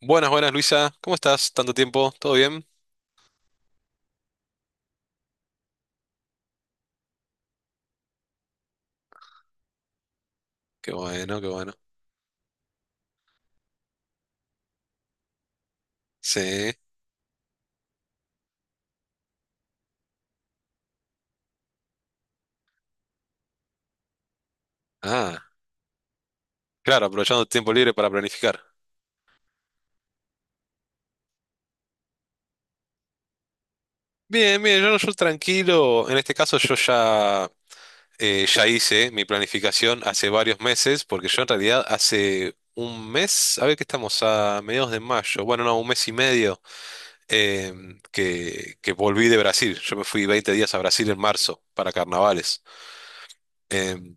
Buenas, buenas, Luisa. ¿Cómo estás? ¿Tanto tiempo? ¿Todo bien? Qué bueno, qué bueno. Sí. Ah, claro, aprovechando el tiempo libre para planificar. Bien, bien, yo tranquilo. En este caso yo ya hice mi planificación hace varios meses, porque yo en realidad hace un mes, a ver que estamos a mediados de mayo, bueno, no, un mes y medio, que volví de Brasil. Yo me fui 20 días a Brasil en marzo para carnavales. Em,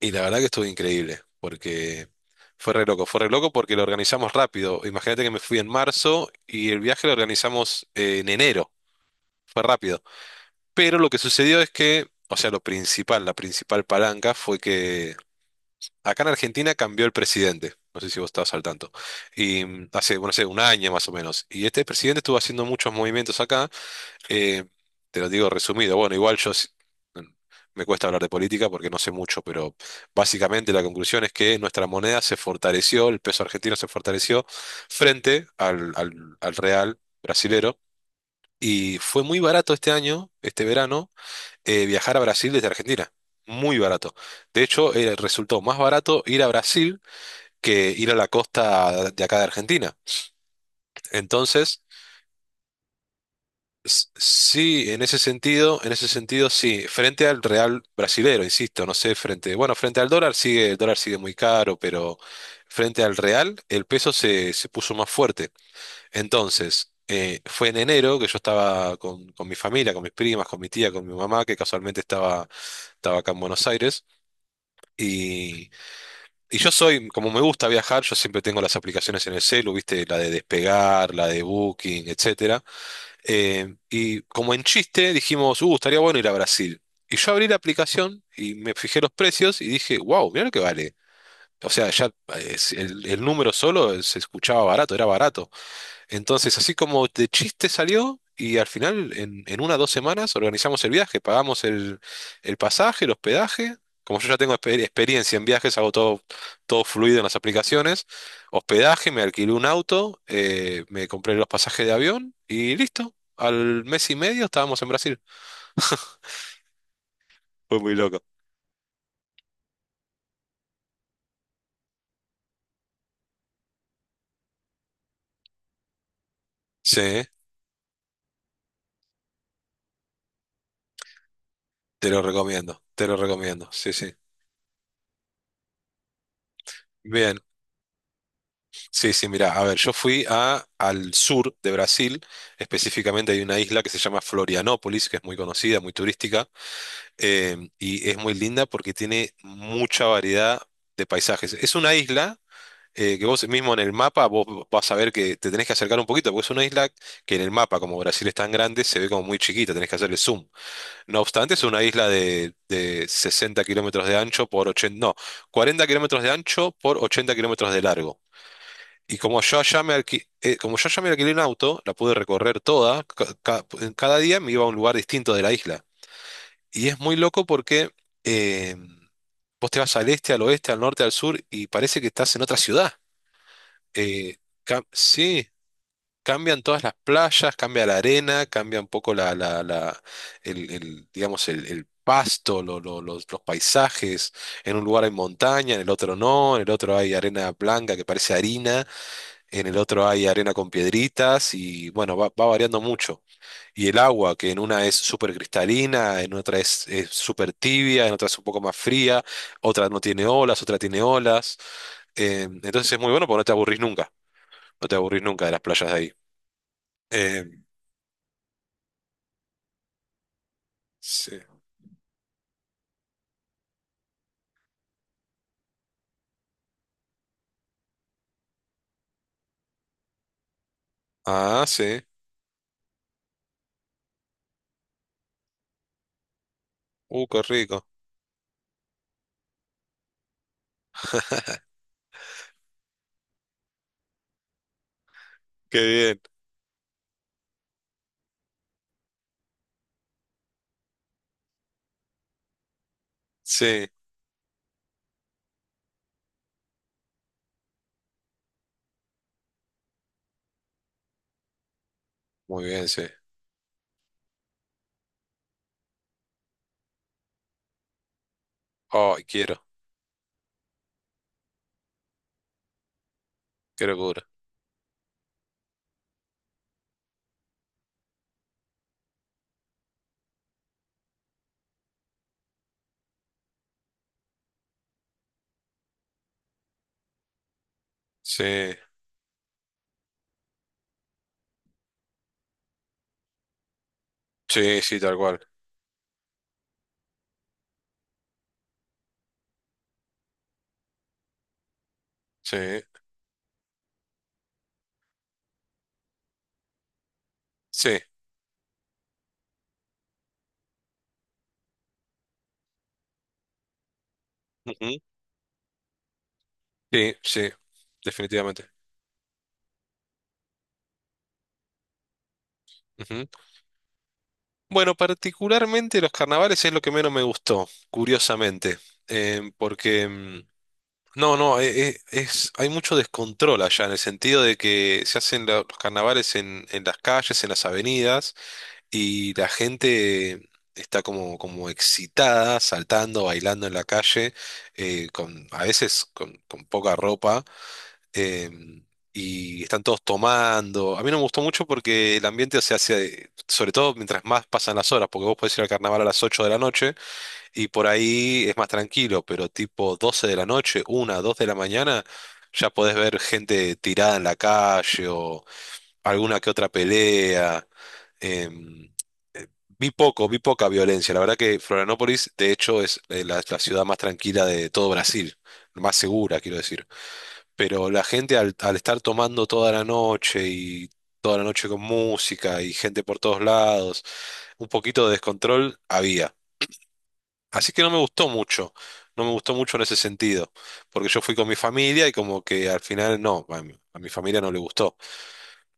Y la verdad que estuvo increíble, porque fue re loco porque lo organizamos rápido. Imagínate que me fui en marzo y el viaje lo organizamos en enero, fue rápido. Pero lo que sucedió es que, o sea, lo principal, la principal palanca fue que acá en Argentina cambió el presidente. No sé si vos estabas al tanto. Y hace, bueno, no sé, un año más o menos. Y este presidente estuvo haciendo muchos movimientos acá. Eh, Te lo digo resumido. Bueno, igual mm, me cuesta hablar de política porque no sé mucho, pero básicamente la conclusión es que nuestra moneda se fortaleció, el peso argentino se fortaleció frente al real brasilero. Y fue muy barato este año, este verano, viajar a Brasil desde Argentina. Muy barato. De hecho, resultó más barato ir a Brasil que ir a la costa de acá de Argentina. Entonces. Sí, en ese sentido sí, frente al real brasilero, insisto, no sé, frente, bueno, frente al dólar sigue, el dólar sigue muy caro, pero frente al real el peso se puso más fuerte. Entonces, fue en enero que yo estaba con mi familia, con mis primas, con mi tía, con mi mamá, que casualmente estaba acá en Buenos Aires, y, y yo soy, como me gusta viajar, yo siempre tengo las aplicaciones en el celu, viste, la de Despegar, la de Booking, etcétera. Y como en chiste dijimos, estaría bueno ir a Brasil. Y yo abrí la aplicación y me fijé los precios y dije, wow, mirá lo que vale. O sea, ya el número solo se escuchaba barato, era barato. Entonces, así como de chiste salió, y al final, en una o dos semanas, organizamos el viaje, pagamos el pasaje, el hospedaje. Como yo ya tengo experiencia en viajes, hago todo fluido en las aplicaciones. Hospedaje, me alquilé un auto, me compré los pasajes de avión y listo. Al mes y medio estábamos en Brasil. Fue muy loco. Sí, te lo recomiendo, te lo recomiendo. Sí, sí. Bien. Sí, sí, mira, a ver, yo fui al sur de Brasil, específicamente hay una isla que se llama Florianópolis, que es muy conocida, muy turística, y es muy linda porque tiene mucha variedad de paisajes. Es una isla que vos mismo en el mapa vos vas a ver que te tenés que acercar un poquito, porque es una isla que en el mapa, como Brasil es tan grande, se ve como muy chiquita, tenés que hacerle zoom. No obstante, es una isla de 60 kilómetros de ancho por 80, no, 40 kilómetros de ancho por 80 kilómetros de largo. Como yo allá me alquilé un auto, la pude recorrer toda, cada día me iba a un lugar distinto de la isla. Y es muy loco porque eh, vos te vas al este, al oeste, al norte, al sur y parece que estás en otra ciudad. Eh, sí, cambian todas las playas, cambia la arena, cambia un poco digamos, el pasto, los paisajes. En un lugar hay montaña, en el otro no, en el otro hay arena blanca que parece harina. En el otro hay arena con piedritas y bueno, va variando mucho. Y el agua, que en una es súper cristalina, en otra es súper tibia, en otra es un poco más fría, otra no tiene olas, otra tiene olas. Entonces es muy bueno porque no te aburrís nunca, no te aburrís nunca de las playas de ahí. Eh, sí. Ah, sí. Qué rico. Qué bien. Sí, muy bien, sí. Ay, quiero, qué locura. Sí, sí, sí, tal cual. Sí, sí. Ujú. Sí, sí, definitivamente. Ujú. Bueno, particularmente los carnavales es lo que menos me gustó, curiosamente, porque no, no, es, hay mucho descontrol allá en el sentido de que se hacen los carnavales en las calles, en las avenidas y la gente está como excitada, saltando, bailando en la calle, a veces con poca ropa, em, y están todos tomando. A mí no me gustó mucho porque el ambiente se hace, sobre todo mientras más pasan las horas, porque vos podés ir al carnaval a las 8 de la noche y por ahí es más tranquilo, pero tipo 12 de la noche, una 2 de la mañana, ya podés ver gente tirada en la calle o alguna que otra pelea. em, eh, vi poca violencia. La verdad que Florianópolis, de hecho, es la ciudad más tranquila de todo Brasil, más segura, quiero decir. Pero la gente al estar tomando toda la noche y toda la noche con música y gente por todos lados, un poquito de descontrol había. Así que no me gustó mucho, no me gustó mucho en ese sentido, porque yo fui con mi familia y como que al final no, a mi familia no le gustó.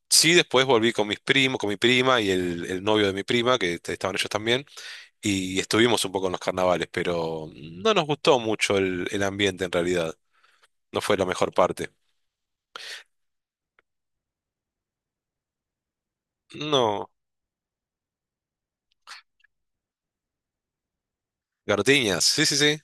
Sí, después volví con mis primos, con mi prima y el novio de mi prima, que estaban ellos también, y estuvimos un poco en los carnavales, pero no nos gustó mucho el ambiente en realidad, no fue la mejor parte. No. Gartiñas, sí, sí, sí.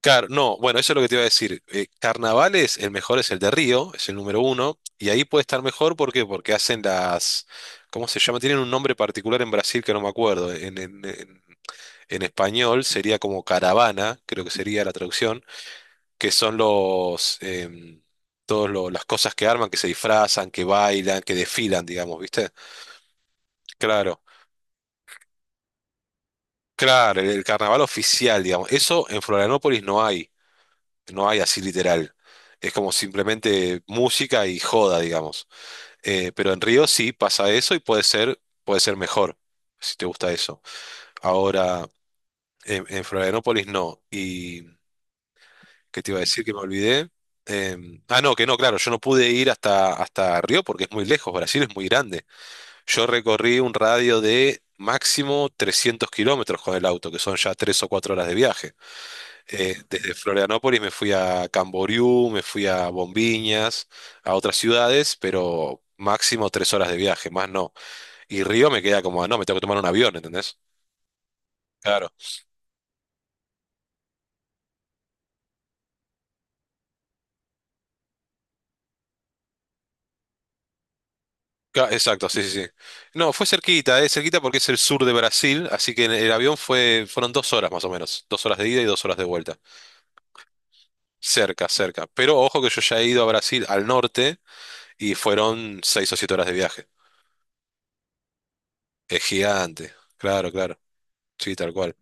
No, bueno, eso es lo que te iba a decir. Carnavales, el mejor es el de Río, es el número uno, y ahí puede estar mejor, ¿por qué? Porque hacen las, ¿cómo se llama? Tienen un nombre particular en Brasil que no me acuerdo. En español sería como caravana, creo que sería la traducción, que son los, em, todos lo- las cosas que arman, que se disfrazan, que bailan, que desfilan, digamos, ¿viste? Claro, claro, el carnaval oficial, digamos. Eso en Florianópolis no hay. No hay así literal. Es como simplemente música y joda, digamos. Pero en Río sí pasa eso y puede ser mejor, si te gusta eso. Ahora, en Florianópolis no. ¿Y qué te iba a decir que me olvidé? Ah, no, que no, claro, yo no pude ir hasta Río porque es muy lejos, Brasil es muy grande. Yo recorrí un radio de máximo 300 kilómetros con el auto, que son ya 3 o 4 horas de viaje. Desde Florianópolis me fui a Camboriú, me fui a Bombiñas, a otras ciudades, pero máximo tres horas de viaje, más no. Y Río me queda como, ah, no, me tengo que tomar un avión, ¿entendés? Claro, exacto, sí, sí, sí. No, fue cerquita porque es el sur de Brasil, así que en el avión fueron dos horas más o menos, dos horas de ida y dos horas de vuelta. Cerca, cerca. Pero ojo que yo ya he ido a Brasil al norte y fueron seis o siete horas de viaje. Es gigante, claro, claro. Sí, tal cual.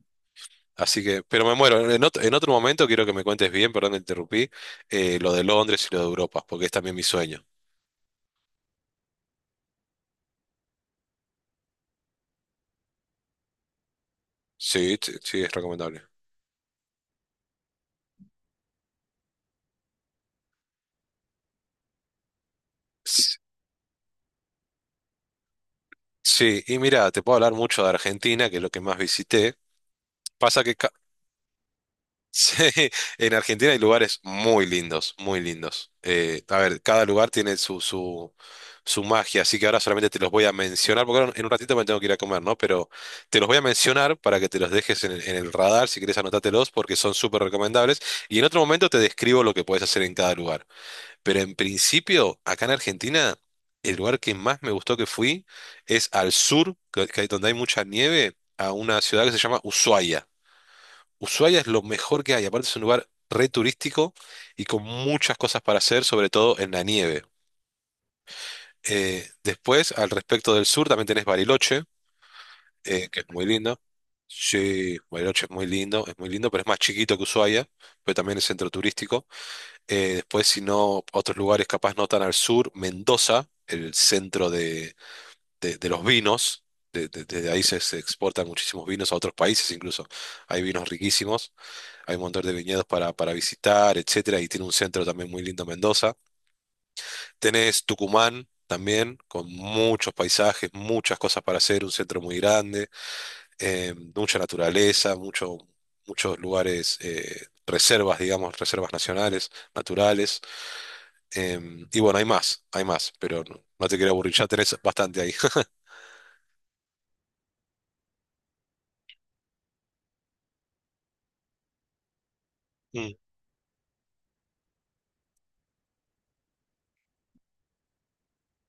Así que, pero me muero. En otro momento quiero que me cuentes bien, perdón, te interrumpí, lo de Londres y lo de Europa, porque es también mi sueño. Sí, es recomendable. S- Sí, y mira, te puedo hablar mucho de Argentina, que es lo que más visité. Pasa que ca- Sí, en Argentina hay lugares muy lindos, muy lindos. A ver, cada lugar tiene su magia, así que ahora solamente te los voy a mencionar, porque ahora en un ratito me tengo que ir a comer, ¿no? Pero te los voy a mencionar para que te los dejes en el radar, si querés anótatelos, porque son súper recomendables. Y en otro momento te describo lo que puedes hacer en cada lugar. Pero en principio, acá en Argentina, el lugar que más me gustó que fui es al sur, donde hay mucha nieve, a una ciudad que se llama Ushuaia. Ushuaia es lo mejor que hay, aparte es un lugar re turístico y con muchas cosas para hacer, sobre todo en la nieve. Después, al respecto del sur, también tenés Bariloche, que es muy lindo. Sí, Bariloche es muy lindo, pero es más chiquito que Ushuaia, pero también es centro turístico. Después, si no, otros lugares capaz no tan al sur, Mendoza, el centro de, de los vinos. Desde ahí se exportan muchísimos vinos a otros países incluso. Hay vinos riquísimos. Hay un montón de viñedos para visitar, etcétera, y tiene un centro también muy lindo Mendoza. Tenés Tucumán también, con muchos paisajes, muchas cosas para hacer, un centro muy grande, mucha naturaleza, muchos lugares, reservas, digamos, reservas nacionales, naturales. Y bueno, hay más, pero no te quiero aburrir, ya tenés bastante ahí. Mm,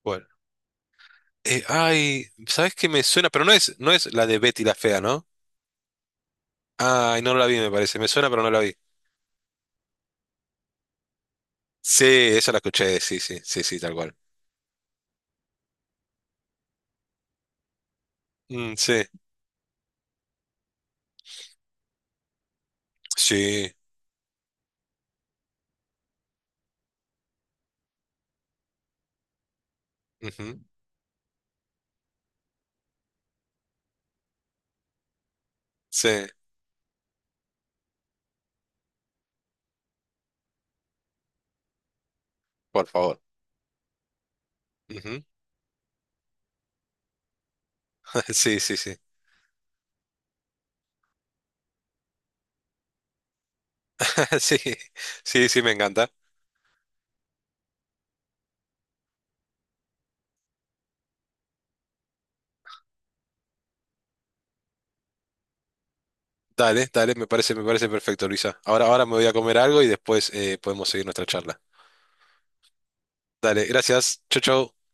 bueno. Ay, ¿sabes qué me suena? Pero no es la de Betty la Fea, ¿no? Ay, no la vi, me parece. Me suena, pero no la vi. Sí, esa la escuché, sí, sí, sí, sí, tal cual. Mm, sí, sí, ujú, sí, por favor. Ujú. Sí, sí, sí, sí, sí, sí, me encanta. Dale, dale, me parece perfecto, Luisa. Ahora, ahora me voy a comer algo y después podemos seguir nuestra charla. Dale, gracias, chau, chau.